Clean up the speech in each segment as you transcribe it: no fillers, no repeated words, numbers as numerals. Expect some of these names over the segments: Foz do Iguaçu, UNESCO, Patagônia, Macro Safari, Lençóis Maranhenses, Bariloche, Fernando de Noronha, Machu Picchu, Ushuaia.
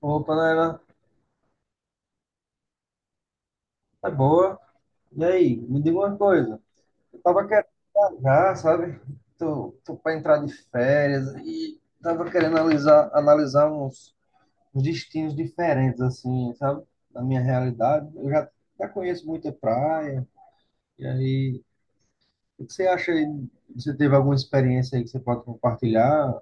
Opa, né? É boa. E aí, me diga uma coisa. Eu tava querendo viajar, sabe? Tô pra entrar de férias e tava querendo analisar uns destinos diferentes, assim, sabe? Da minha realidade. Já conheço muita praia. E aí, o que você acha aí? Você teve alguma experiência aí que você pode compartilhar?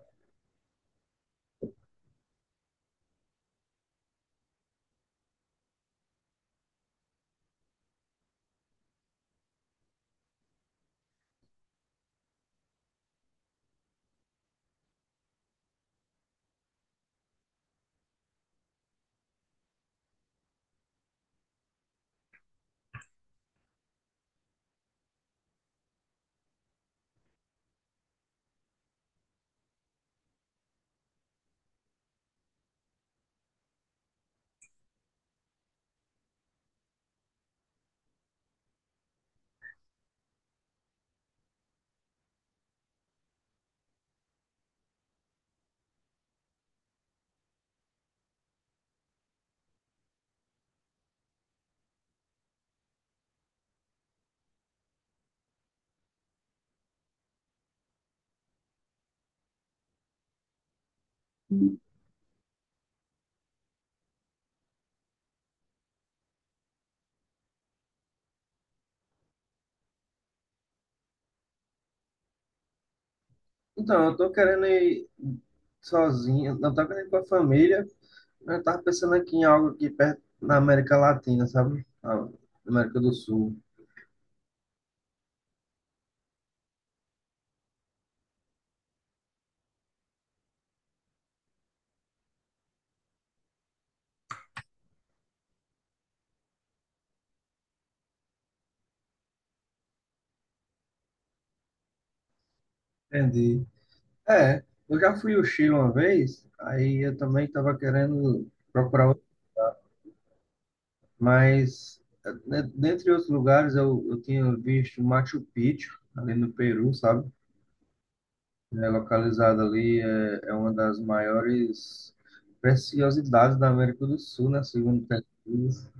Então, eu tô querendo ir sozinho, não tô querendo ir com a família. Eu tava pensando aqui em algo aqui perto na América Latina, sabe? Na América do Sul. Entendi. É, eu já fui ao Chile uma vez, aí eu também tava querendo procurar outro, mas dentre outros lugares eu tinha visto Machu Picchu, ali no Peru, sabe? É localizado ali, é uma das maiores preciosidades da América do Sul, né? Segundo pesquisas.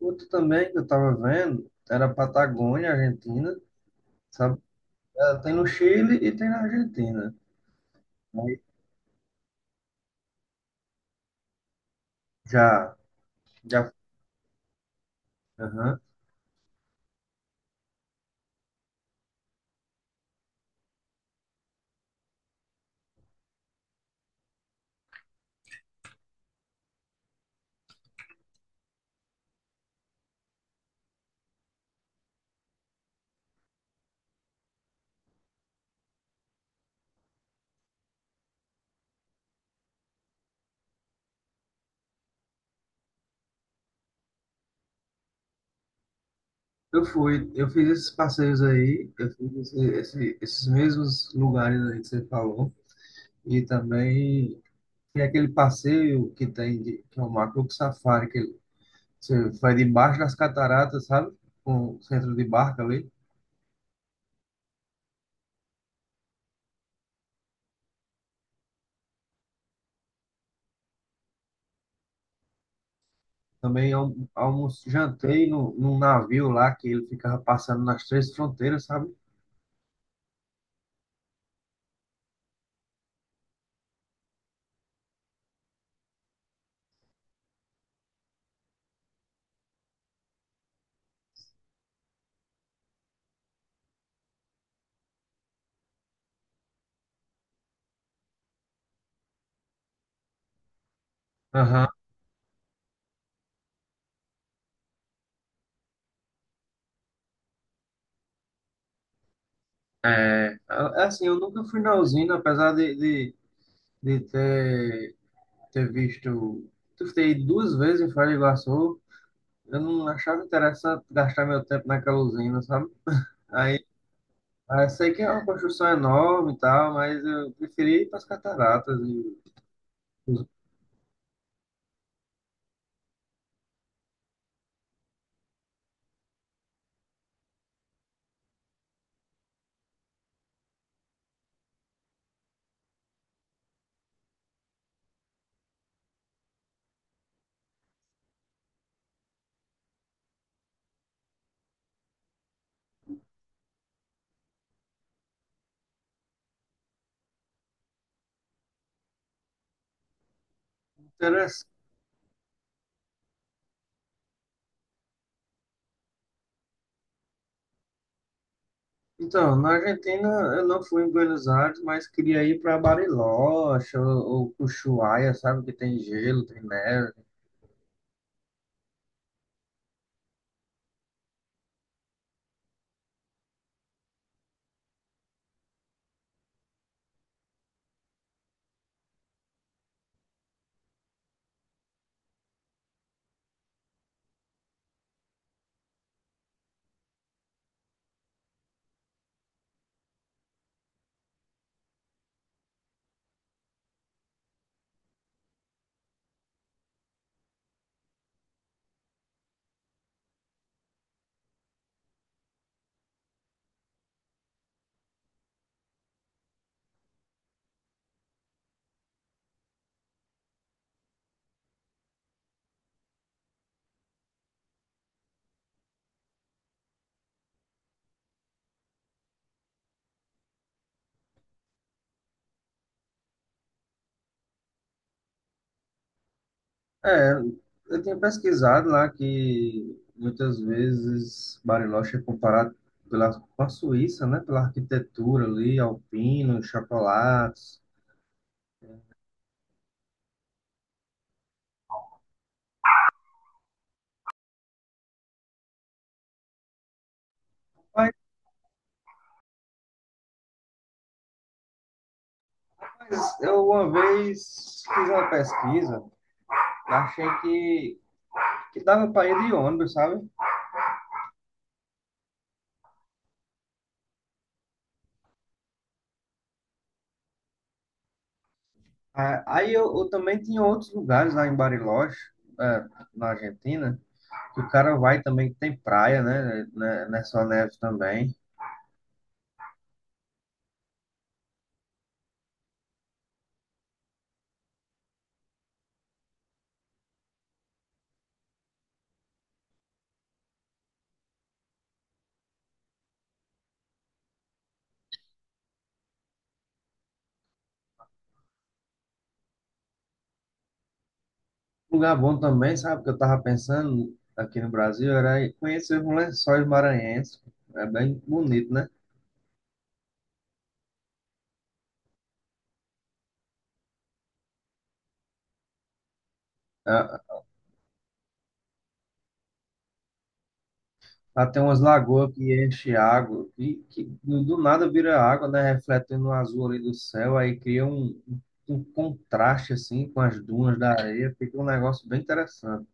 Outro também que eu tava vendo era a Patagônia, Argentina, sabe? Ela tem no Chile e tem na Argentina. Aí já, já, aham. Eu fui, eu fiz esses passeios aí, eu fiz esses mesmos lugares aí que você falou, e também tem aquele passeio que tem, de, que é o Macro Safari, que você vai debaixo das cataratas, sabe? Com o centro de barca ali. Também almoço, jantei no, num navio lá, que ele ficava passando nas três fronteiras, sabe? Aham. É assim, eu nunca fui na usina, apesar de ter, ter visto, de ter ido duas vezes em Foz do Iguaçu, eu não achava interessante gastar meu tempo naquela usina, sabe? Aí, aí sei que é uma construção enorme e tal, mas eu preferi ir para as cataratas e os interessantes. Então, na Argentina eu não fui em Buenos Aires, mas queria ir para Bariloche ou Ushuaia, sabe? Que tem gelo, tem neve. É, eu tinha pesquisado lá que muitas vezes Bariloche é comparado pela, com a Suíça, né? Pela arquitetura ali, alpino, chocolates. Mas, mas eu uma vez fiz uma pesquisa, achei que dava para ir de ônibus, sabe? Ah, aí eu também tinha outros lugares lá em Bariloche, é, na Argentina, que o cara vai também, que tem praia, né? Nessa neve também. Um lugar bom também, sabe? Que eu tava pensando aqui no Brasil era ir conhecer os Lençóis Maranhenses. É bem bonito, né? Ah, lá tem umas lagoas que enche água, que do nada vira água, né? Refletindo no azul ali do céu, aí cria um contraste assim com as dunas da areia, fica um negócio bem interessante.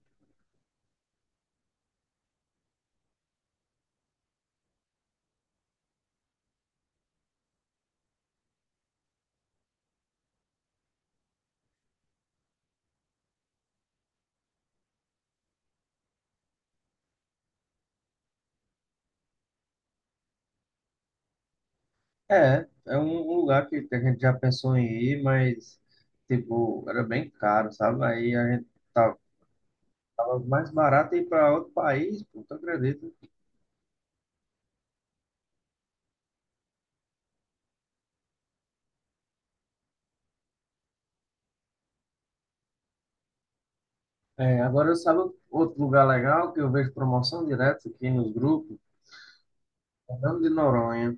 É, é um lugar que a gente já pensou em ir, mas tipo, era bem caro, sabe? Aí a gente tava mais barato ir para outro país, pô, tu acredita? É, agora eu sabe, outro lugar legal que eu vejo promoção direto aqui nos grupos, Fernando de Noronha.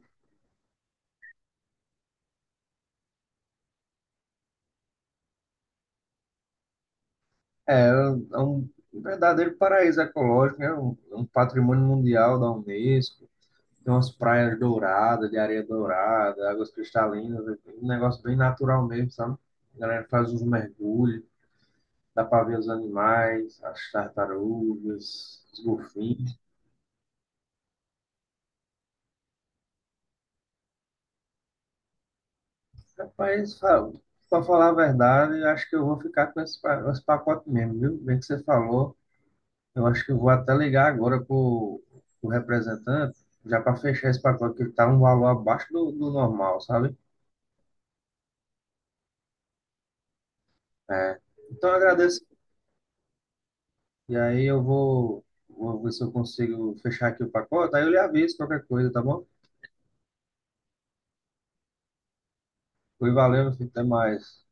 É, é um verdadeiro paraíso ecológico, né? Um patrimônio mundial da Unesco. Tem umas praias douradas, de areia dourada, águas cristalinas, é um negócio bem natural mesmo, sabe? A galera faz uns mergulhos, dá para ver os animais, as tartarugas, os golfinhos. Rapaz, para falar a verdade, eu acho que eu vou ficar com esse pacote mesmo, viu? Bem que você falou. Eu acho que eu vou até ligar agora para o representante, já para fechar esse pacote, que está um valor abaixo do normal, sabe? É. Então eu agradeço. E aí vou ver se eu consigo fechar aqui o pacote, aí eu lhe aviso qualquer coisa, tá bom? Foi, valeu, meu filho, até mais.